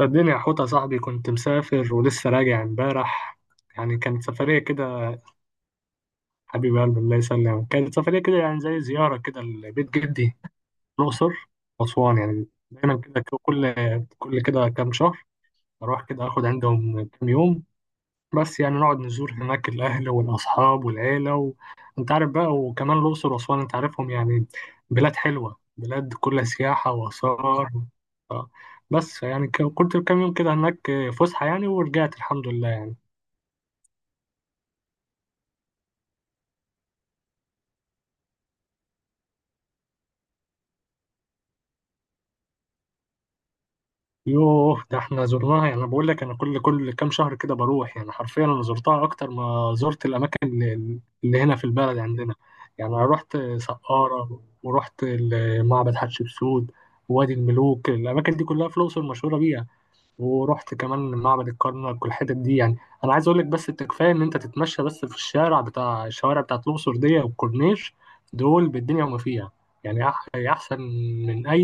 الدنيا حوطة يا صاحبي، كنت مسافر ولسه راجع امبارح. يعني كانت سفرية كده. حبيب قلبي، الله يسلمك، كانت سفرية كده يعني زي زيارة كده لبيت جدي، الأقصر وأسوان. يعني دايما كده، كل كده كام شهر أروح كده آخد عندهم كام يوم. بس يعني نقعد نزور هناك الأهل والأصحاب والعيلة و أنت عارف بقى، وكمان الأقصر وأسوان أنت عارفهم يعني، بلاد حلوة، بلاد كلها سياحة وآثار. ف- بس يعني كنت كام يوم كده هناك، فسحة يعني، ورجعت الحمد لله. يوه، ده احنا زرناها. يعني بقول لك انا كل كام شهر كده بروح، يعني حرفيا انا زرتها اكتر ما زرت الاماكن اللي هنا في البلد عندنا. يعني انا رحت سقارة ورحت معبد حتشبسوت ووادي الملوك، الاماكن دي كلها في الاقصر مشهورة بيها. ورحت كمان معبد الكرنك والحتت دي يعني. انا عايز اقول لك بس انت، كفايه ان انت تتمشى بس في الشارع بتاع، الشوارع بتاعت الاقصر دي والكورنيش، دول بالدنيا وما فيها. يعني احسن من اي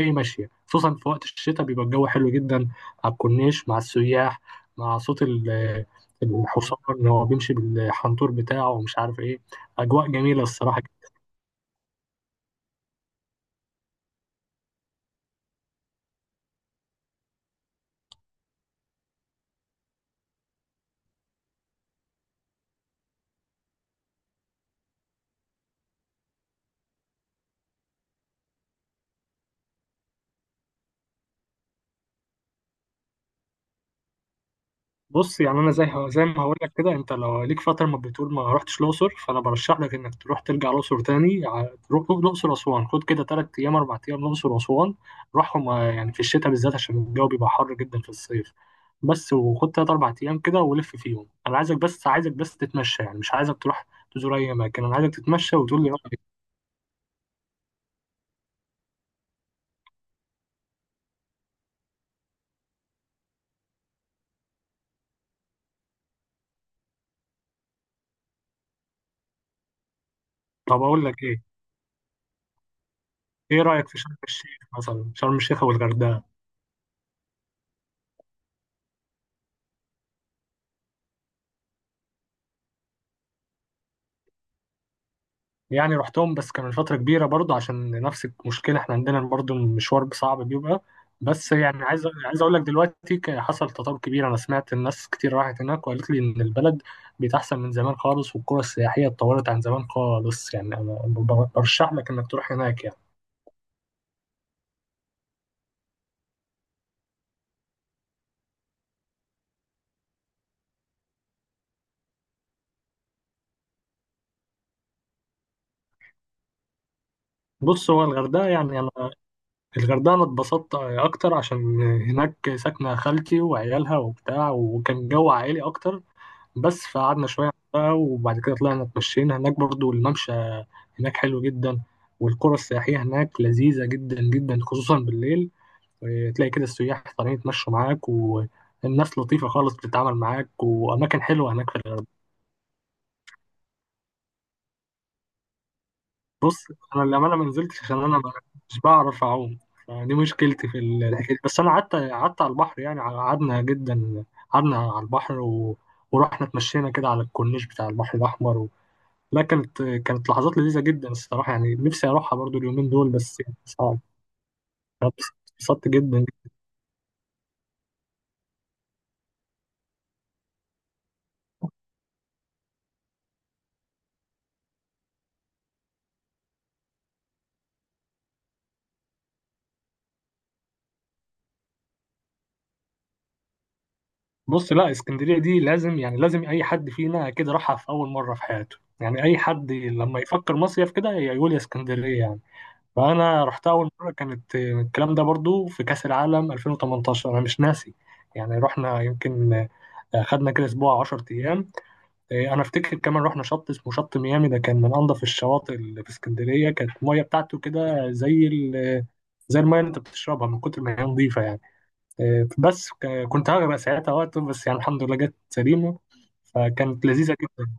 اي ماشيه، خصوصا في وقت الشتاء بيبقى الجو حلو جدا على الكورنيش مع السياح، مع صوت الحصان اللي هو بيمشي بالحنطور بتاعه ومش عارف ايه، اجواء جميله الصراحه. بص يعني انا زي ما هقول لك كده، انت لو ليك فتره ما بتقول ما رحتش الاقصر، فانا برشح لك انك تروح ترجع الاقصر تاني، تروح الاقصر اسوان. خد كده ثلاث ايام اربع ايام الاقصر واسوان، روحهم. آه، يعني في الشتاء بالذات عشان الجو بيبقى حر جدا في الصيف. بس وخد ثلاث اربع ايام كده ولف فيهم. انا عايزك بس، عايزك بس تتمشى، يعني مش عايزك تروح تزور اي اماكن، انا عايزك تتمشى وتقول لي رايك. طب اقول لك ايه، ايه رايك في شرم الشيخ مثلا، شرم الشيخ والغردقه. يعني رحتهم بس كان من فترة كبيرة برضو، عشان نفس المشكلة احنا عندنا برضو المشوار صعب بيبقى. بس يعني عايز، عايز اقول لك دلوقتي حصل تطور كبير. انا سمعت الناس كتير راحت هناك وقالت لي ان البلد بقت احسن من زمان خالص والقرى السياحية اتطورت عن زمان خالص. يعني انا برشح لك انك تروح هناك يعني. بص هو الغردقة، يعني انا الغردقة أنا اتبسطت أكتر، عشان هناك ساكنة خالتي وعيالها وبتاع وكان جو عائلي أكتر. بس فقعدنا شوية بقى، وبعد كده طلعنا اتمشينا هناك برضو، الممشى هناك حلو جدا. والقرى السياحية هناك لذيذة جدا جدا، خصوصا بالليل. إيه، تلاقي كده السياح طالعين يتمشوا معاك والناس لطيفة خالص بتتعامل معاك، وأماكن حلوة هناك في الغردقة. انا للامانه ما نزلتش، عشان انا مش بعرف اعوم. فدي مشكلتي في الحكايه دي. بس انا قعدت على البحر، يعني قعدنا جدا، قعدنا على البحر، و... ورحنا اتمشينا كده على الكورنيش بتاع البحر الاحمر. و... لا، كانت لحظات لذيذه جدا الصراحه، يعني نفسي اروحها برضو اليومين دول بس صعب. اتبسطت جدا. بص، لا اسكندريه دي لازم، يعني لازم اي حد فينا كده راحها في اول مره في حياته، يعني اي حد لما يفكر مصيف كده يقول يا اسكندريه يعني. فانا رحتها اول مره، كانت الكلام ده برضو في كاس العالم 2018، انا مش ناسي. يعني رحنا يمكن، آه، خدنا كده اسبوع 10 ايام. آه، انا افتكر كمان رحنا شط اسمه شط ميامي، ده كان من انظف الشواطئ اللي في اسكندريه. كانت الميه بتاعته كده زي ال، زي الميه اللي انت بتشربها من كتر ما هي نظيفه يعني. آه، بس كنت هغرق ساعتها وقت، بس يعني الحمد لله جت سليمه. فكانت لذيذه جدا.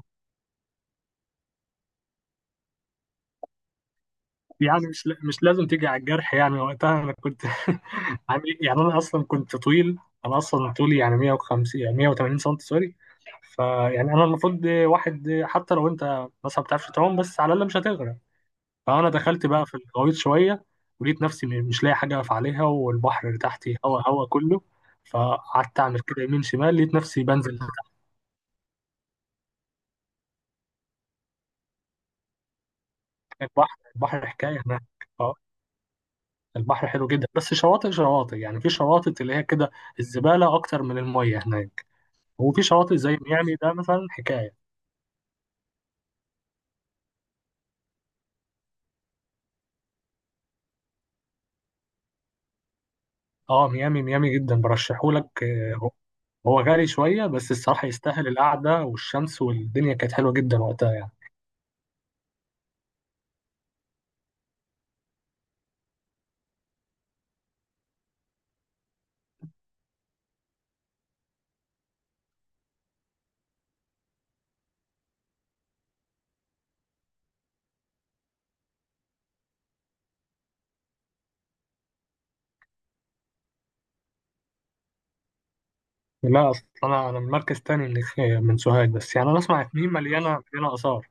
يعني مش لازم تيجي على الجرح، يعني وقتها انا كنت عامل إيه؟ يعني انا اصلا كنت طويل، انا اصلا طولي يعني 150، يعني 180 سم، سوري. فيعني انا المفروض واحد، حتى لو انت مثلا ما بتعرفش تعوم بس على الاقل مش هتغرق. فانا دخلت بقى في الغويط شويه، ولقيت نفسي مش لاقي حاجه اقف عليها، والبحر اللي تحتي هوا هوا كله. فقعدت اعمل كده يمين شمال، لقيت نفسي بنزل تحت. البحر البحر حكايه هناك. البحر حلو جدا بس شواطئ، شواطئ يعني، في شواطئ اللي هي كده الزبالة أكتر من المية هناك، وفي شواطئ زي ميامي ده مثلا حكاية. اه، ميامي ميامي جدا برشحهولك. آه، هو هو غالي شوية بس الصراحة يستاهل، القعدة والشمس والدنيا كانت حلوة جدا وقتها يعني. لا، أصل أنا من مركز تاني، من سوهاج. بس يعني أنا أسمع إن هي مليانة، مليانة آثار.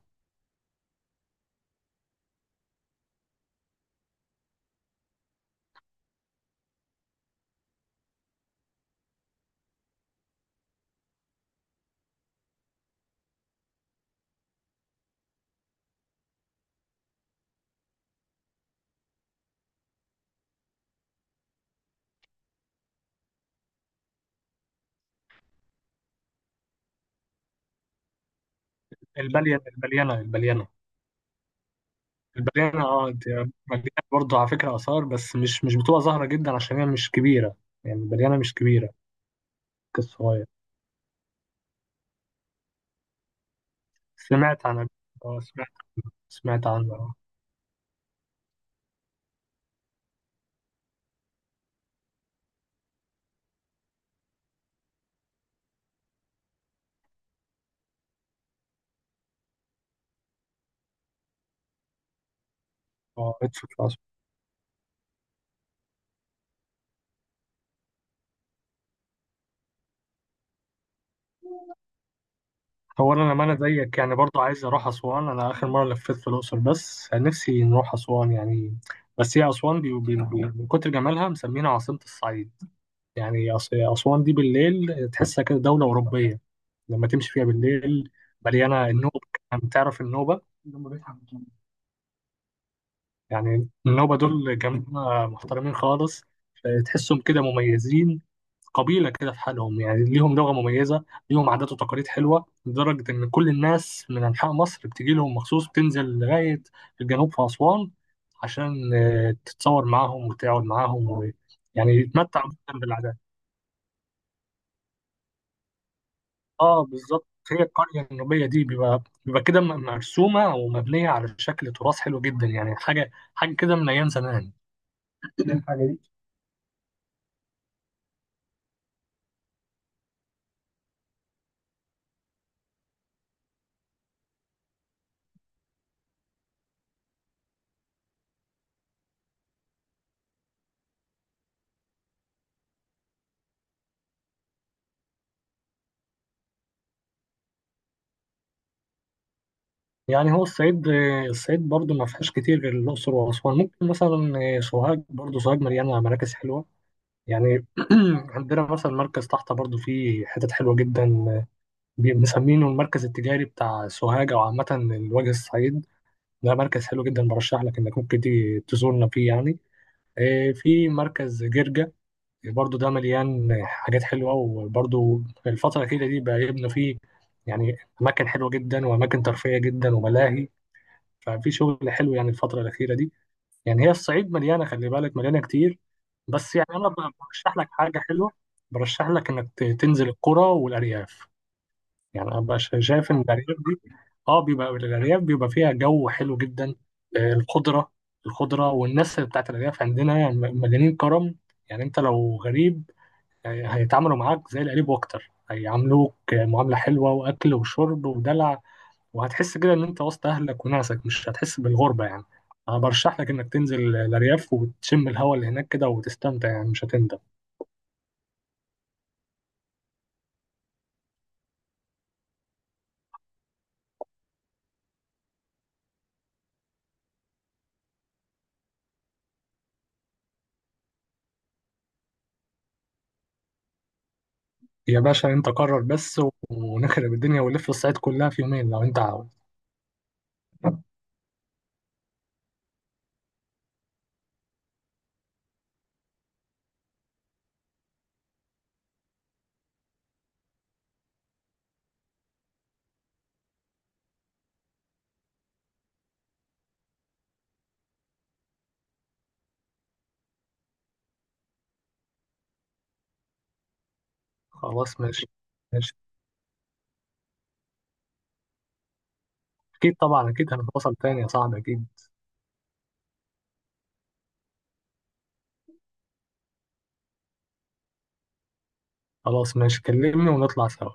البليانة، البليانة اه، دي مليانة برضه على فكرة آثار، بس مش مش بتبقى ظاهرة جدا عشان هي مش كبيرة. يعني البليانة مش كبيرة، كالصغير. سمعت عن، اه، سمعت عنه اه. آه، اتش في أسوان. هو أنا لما أنا زيك، يعني برضه عايز أروح أسوان. أنا آخر مرة لفيت في الأقصر بس نفسي نروح أسوان يعني. بس هي أسوان دي، من كتر جمالها مسمينها عاصمة الصعيد. يعني أسوان دي بالليل تحسها كده دولة أوروبية لما تمشي فيها بالليل. مليانة النوبة، يعني تعرف النوبة. يعني النوبة دول جماعة محترمين خالص، تحسهم كده مميزين، قبيلة كده في حالهم. يعني ليهم لغة مميزة، ليهم عادات وتقاليد حلوة لدرجة إن كل الناس من أنحاء مصر بتيجي لهم مخصوص، بتنزل لغاية الجنوب في أسوان عشان، آه، تتصور معاهم وتقعد معاهم. و... يعني يتمتع جدا بالعادات. اه بالظبط، هي القرية النوبية دي بيبقى، بيبقى كده مرسومة ومبنية على شكل تراث حلو جدا، يعني حاجة حاجة كده من أيام زمان. يعني هو الصعيد، الصعيد برضو ما فيهاش كتير غير الأقصر وأسوان. ممكن مثلا آه، سوهاج، برضو سوهاج مليانة مراكز حلوة، يعني عندنا مثلا مركز تحت برضو فيه حتت حلوة جدا، مسمينه المركز التجاري بتاع سوهاج. أو عامة الوجه الصعيد، ده مركز حلو جدا برشح لك إنك ممكن تيجي تزورنا فيه يعني. إيه، في مركز جرجا برضو، ده مليان حاجات حلوة. وبرضو الفترة الأخيرة دي بقى يبنى فيه يعني أماكن حلوة جدا وأماكن ترفيهية جدا وملاهي. ففي شغل حلو يعني الفترة الأخيرة دي. يعني هي الصعيد مليانة، خلي بالك، مليانة كتير. بس يعني أنا برشح لك حاجة حلوة، برشح لك إنك تنزل القرى والأرياف. يعني أنا بقى شايف إن الأرياف دي، أه، بيبقى الأرياف بيبقى فيها جو حلو جدا، آه، الخضرة، الخضرة والناس بتاعت الأرياف عندنا يعني مليانين كرم. يعني أنت لو غريب، آه، هيتعاملوا معاك زي القريب وأكتر، هيعاملوك، آه، معاملة حلوة، وأكل وشرب ودلع. وهتحس كده ان انت وسط اهلك وناسك، مش هتحس بالغربه يعني. انا برشح لك انك تنزل الارياف وتشم الهواء اللي هناك كده وتستمتع، يعني مش هتندم. يا باشا، انت قرر بس، ونخرب الدنيا ونلف الصعيد كلها في يومين لو انت عاوز. خلاص ماشي. ماشي، اكيد طبعا، اكيد هنتواصل تاني يا صاحبي اكيد. خلاص ماشي، كلمني ونطلع سوا.